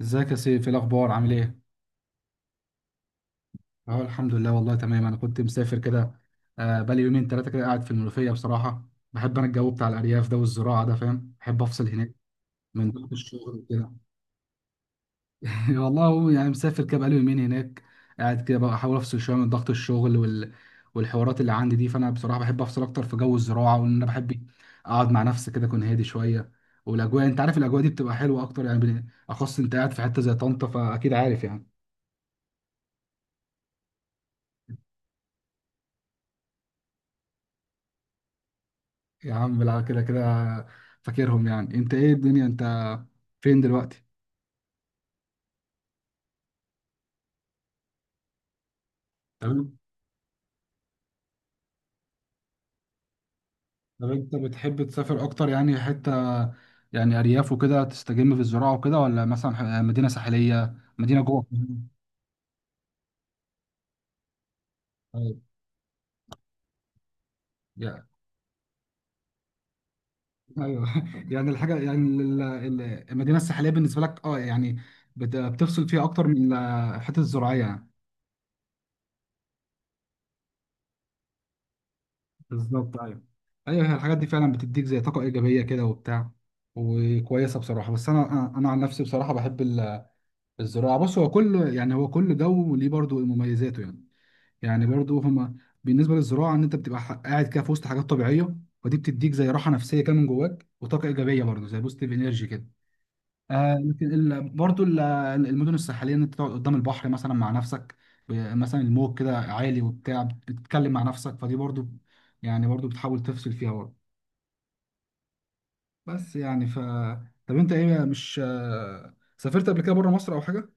ازيك يا سيف؟ ايه الاخبار؟ عامل ايه؟ اه الحمد لله والله تمام. انا كنت مسافر كده. بقالي يومين ثلاثه كده قاعد في المنوفيه بصراحه. بحب انا الجو بتاع الارياف ده والزراعه ده، فاهم؟ بحب افصل هناك من ضغط الشغل وكده. والله هو يعني مسافر كده بقالي يومين هناك، قاعد كده بقى احاول افصل شويه من ضغط الشغل والحوارات اللي عندي دي. فانا بصراحه بحب افصل اكتر في جو الزراعه، وان انا بحب اقعد مع نفسي كده، اكون هادي شويه. والاجواء، انت عارف الاجواء دي بتبقى حلوه اكتر. يعني اخص انت قاعد في حته زي طنطا، فاكيد عارف يعني. يا عم بالعافية كده كده فاكرهم يعني. انت ايه الدنيا؟ انت فين دلوقتي؟ تمام. طب انت بتحب تسافر اكتر يعني حتة يعني ارياف وكده تستجم في الزراعة وكده، ولا مثلا مدينة ساحلية، مدينة جوه القاهرة؟ طيب، يا- ايوه. يعني الحاجة يعني المدينة الساحلية بالنسبة لك، اه يعني بتفصل فيها اكتر من الحتة الزراعية يعني؟ بالظبط، ايوه. ايوه هي الحاجات دي فعلا بتديك زي طاقة ايجابية كده وبتاع، وكويسة بصراحة. بس انا انا عن نفسي بصراحة بحب الزراعة. بص، هو كل يعني هو كل جو ليه برضو مميزاته يعني. يعني برضو هما بالنسبة للزراعة، إن أنت بتبقى قاعد كده في وسط حاجات طبيعية، ودي بتديك زي راحة نفسية كده من جواك، وطاقة إيجابية برضو، زي بوستيف إنرجي كده. آه، لكن برضو المدن الساحلية، إن أنت تقعد قدام البحر مثلا مع نفسك، مثلا الموج كده عالي وبتاع، بتتكلم مع نفسك، فدي برضو يعني برضو بتحاول تفصل فيها برضو. بس يعني ف طب أنت إيه، مش سافرت قبل كده بره مصر أو حاجة؟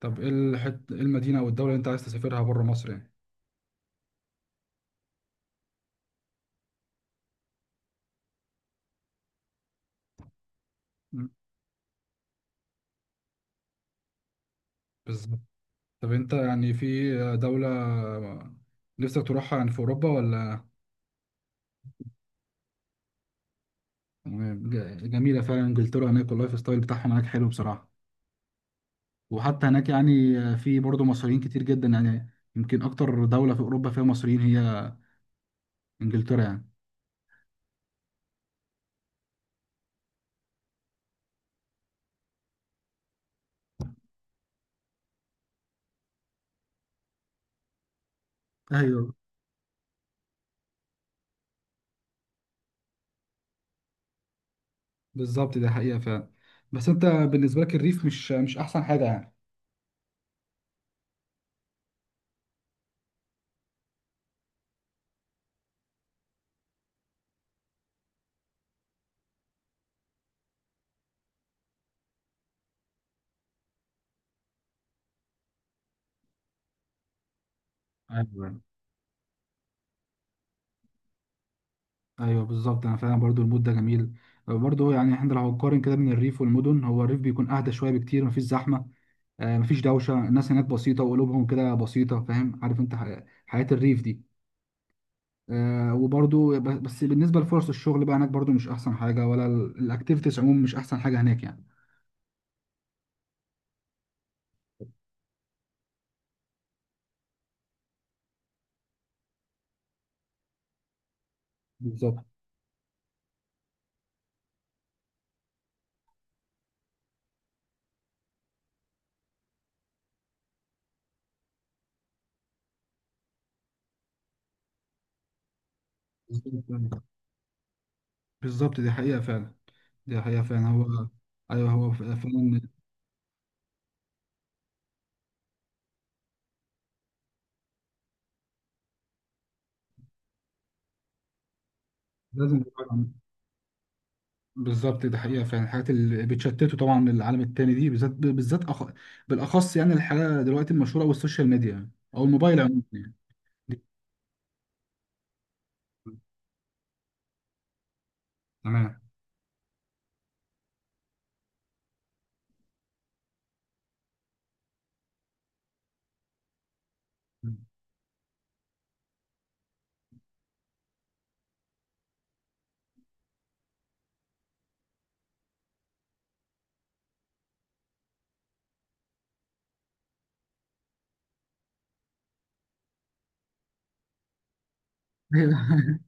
طب ايه إيه المدينة او الدولة اللي انت عايز تسافرها بره مصر يعني؟ مم. بالظبط. طب انت يعني في دولة نفسك تروحها يعني في اوروبا ولا؟ تمام. جميلة فعلا انجلترا، هناك اللايف ستايل بتاعهم هناك حلو بصراحة. وحتى هناك يعني في برضه مصريين كتير جدا، يعني يمكن اكتر دولة في اوروبا فيها مصريين هي انجلترا يعني. ايوه. بالظبط، ده حقيقة فعلا. بس انت بالنسبة لك الريف مش احسن حاجة يعني؟ ايوه. ايوه بالظبط، انا فعلا برضو المود ده جميل. برضو يعني احنا لو هنقارن كده بين الريف والمدن، هو الريف بيكون اهدى شويه بكتير، مفيش زحمه، مفيش دوشه، الناس هناك بسيطه وقلوبهم كده بسيطه، فاهم؟ عارف انت حياه الريف دي. وبرضو بس بالنسبه لفرص الشغل بقى هناك، برضو مش احسن حاجه، ولا الاكتيفيتيز عموما مش احسن حاجه هناك يعني. بالظبط. بالظبط. بالظبط دي حقيقه فعلا، دي حقيقه فعلا. هو ايوه هو فعلا لازم. بالظبط، ده حقيقة فعلا، الحاجات اللي بتشتته طبعا، العالم التاني دي بالذات بالذات، بالأخص، يعني الحاجة دلوقتي المشهورة أوي السوشيال ميديا، أو الموبايل عموما يعني. دي- تمام.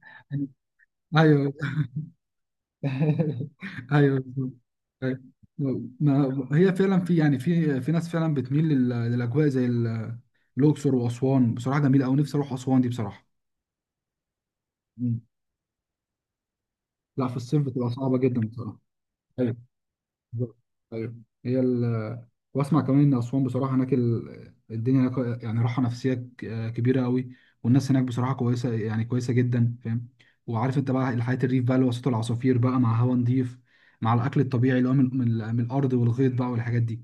أيوه. أيوه بالظبط. أيوه. ما هي فعلا في يعني في ناس فعلا بتميل للأجواء زي الأقصر وأسوان. بصراحة جميلة أوي، نفسي أروح أسوان دي بصراحة. مم. لا في الصيف بتبقى صعبة جدا بصراحة. بالظبط. ايوه. هي ال، واسمع كمان ان اسوان بصراحه هناك، الدنيا هناك يعني راحه نفسيه كبيره قوي، والناس هناك بصراحه كويسه، يعني كويسه جدا، فاهم؟ وعارف انت بقى الحياه، الريف بقى اللي وسط العصافير بقى، مع هوا نضيف، مع الاكل الطبيعي اللي هو من, من الارض والغيط بقى والحاجات دي.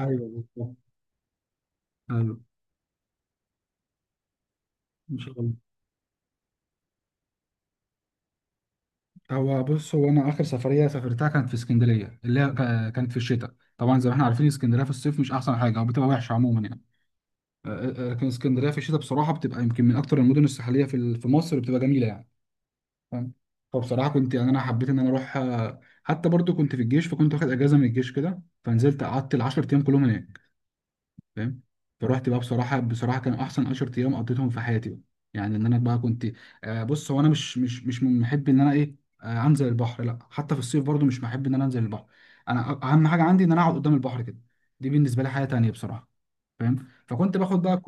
ايوه بالظبط. ايوه. ان شاء الله. هو بص، هو انا اخر سفريه سافرتها كانت في اسكندريه، اللي هي كانت في الشتاء، طبعا زي ما احنا عارفين اسكندريه في الصيف مش احسن حاجه او بتبقى وحشه عموما يعني. آه، لكن اسكندريه في الشتاء بصراحه بتبقى يمكن من اكتر المدن الساحليه في في مصر، بتبقى جميله يعني، فاهم؟ فبصراحه كنت يعني انا حبيت ان انا اروح، حتى برضو كنت في الجيش، فكنت واخد اجازه من الجيش كده، فنزلت قعدت ال 10 ايام كلهم هناك، فاهم؟ فروحت بقى بصراحه، بصراحه كان احسن 10 ايام قضيتهم في حياتي بقى. يعني ان انا بقى كنت بص، هو انا مش من محب ان انا ايه، انزل البحر، لا حتى في الصيف برضو مش محب ان انا انزل البحر. انا اهم حاجه عندي ان انا اقعد قدام البحر كده، دي بالنسبه لي حاجه تانيه بصراحه، فاهم؟ فكنت باخد بقى،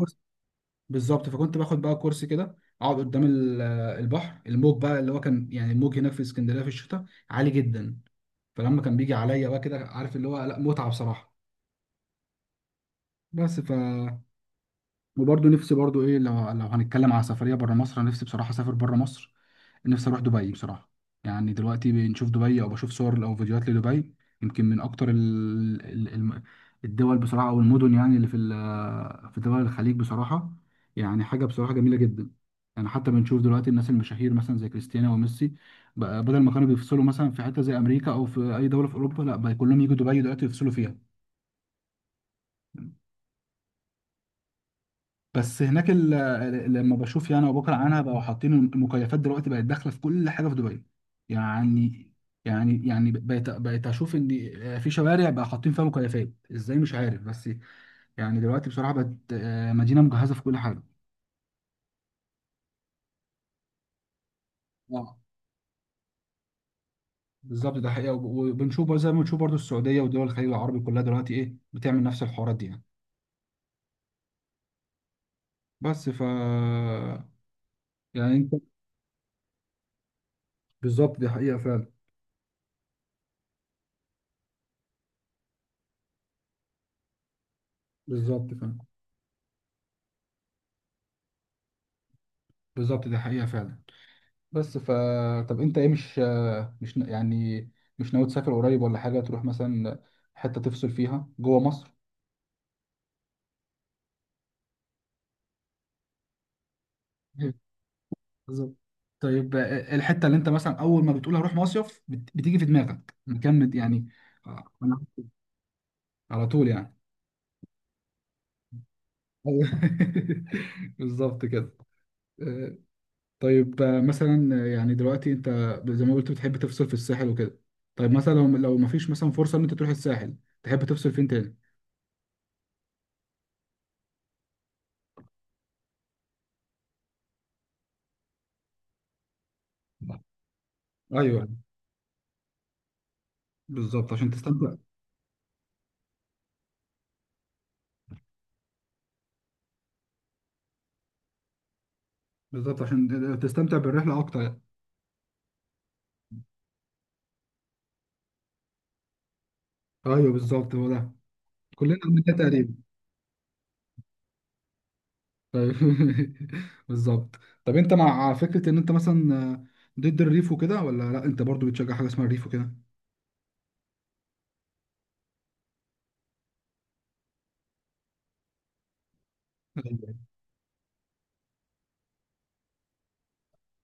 بالظبط. فكنت باخد بقى كورس كده، اقعد قدام البحر، الموج بقى اللي هو كان، يعني الموج هناك في اسكندريه في الشتاء عالي جدا، فلما كان بيجي عليا بقى كده، عارف اللي هو؟ لا متعه بصراحه. بس ف، وبرضه نفسي برضه ايه، لو لو هنتكلم على سفريه بره مصر، أنا نفسي بصراحه اسافر بره مصر، نفسي اروح دبي بصراحه. يعني دلوقتي بنشوف دبي او بشوف صور او فيديوهات لدبي، يمكن من اكتر ال... الم- الدول بصراحه او المدن يعني اللي في في دول الخليج بصراحه، يعني حاجه بصراحه جميله جدا. يعني حتى بنشوف دلوقتي الناس المشاهير مثلا زي كريستيانو وميسي، بقى بدل ما كانوا بيفصلوا مثلا في حته زي امريكا او في اي دوله في اوروبا، لا بقى كلهم يجوا دبي دلوقتي يفصلوا فيها. بس هناك لما بشوف يعني ابو بكر عنها، بقوا حاطين المكيفات دلوقتي، بقت داخله في كل حاجه في دبي، يعني، يعني بقيت اشوف ان في شوارع بقى حاطين فيها مكيفات ازاي مش عارف، بس يعني دلوقتي بصراحه بقت مدينه مجهزه في كل حاجه. اه. بالظبط، ده حقيقه. وبنشوف بقى زي ما بنشوف برضو السعوديه ودول الخليج العربي كلها دلوقتي ايه بتعمل نفس الحوارات دي يعني. بس ف، يعني انت. بالظبط دي حقيقه فعلا. بالظبط فعلا. بالظبط دي حقيقه فعلا. بس ف، طب انت ايه، مش مش ن- يعني مش ناوي تسافر قريب ولا حاجه، تروح مثلا حته تفصل فيها جوه مصر؟ مم. بالظبط. طيب، الحته اللي انت مثلا اول ما بتقول هروح مصيف، بتيجي في دماغك مكان يعني، آه، أنا- على طول يعني. أيوه. بالظبط كده. آه، طيب، مثلا يعني دلوقتي انت زي ما قلت بتحب تفصل في الساحل وكده، طيب مثلا لو ما فيش مثلا فرصه ان انت تروح الساحل، تحب تفصل فين تاني؟ ايوه بالظبط عشان تستمتع. بالظبط عشان تستمتع بالرحله اكتر يعني. ايوه بالظبط هو ده، كلنا عملنا تقريبا. طيب. بالظبط. طب انت مع فكره ان انت مثلا ضد الريف وكده، ولا لا انت برضو بتشجع حاجه اسمها الريف وكده؟ ايوه.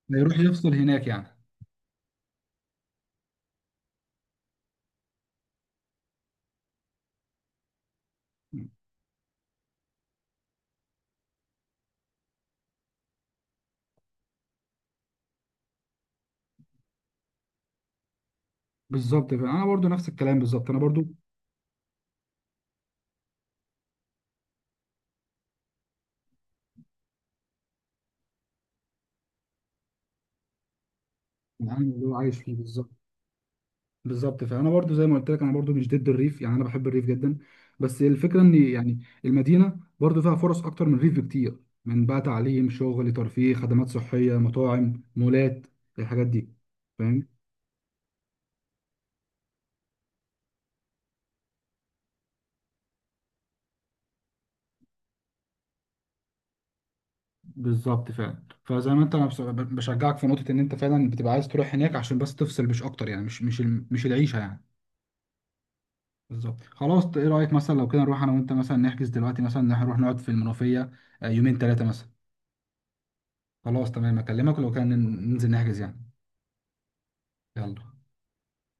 ما يروح يفصل هناك يعني. بالظبط، انا برضو نفس الكلام بالظبط، انا برضو انا عايش فيه بالظبط. بالظبط، فانا برضو زي ما قلت لك انا برضو مش ضد الريف يعني، انا بحب الريف جدا، بس الفكره ان يعني المدينه برضو فيها فرص اكتر من الريف بكتير، من بقى تعليم، شغل، ترفيه، خدمات صحيه، مطاعم، مولات، الحاجات دي، فاهم؟ بالظبط فعلا. فزي ما انت، انا بشجعك في نقطه ان انت فعلا بتبقى عايز تروح هناك عشان بس تفصل مش اكتر يعني، مش العيشه يعني. بالظبط. خلاص ايه رايك مثلا لو كده نروح انا وانت مثلا نحجز دلوقتي، مثلا إن إحنا نروح نقعد في المنوفيه يومين ثلاثه مثلا؟ خلاص تمام، اكلمك لو كان ننزل نحجز يعني. يلا.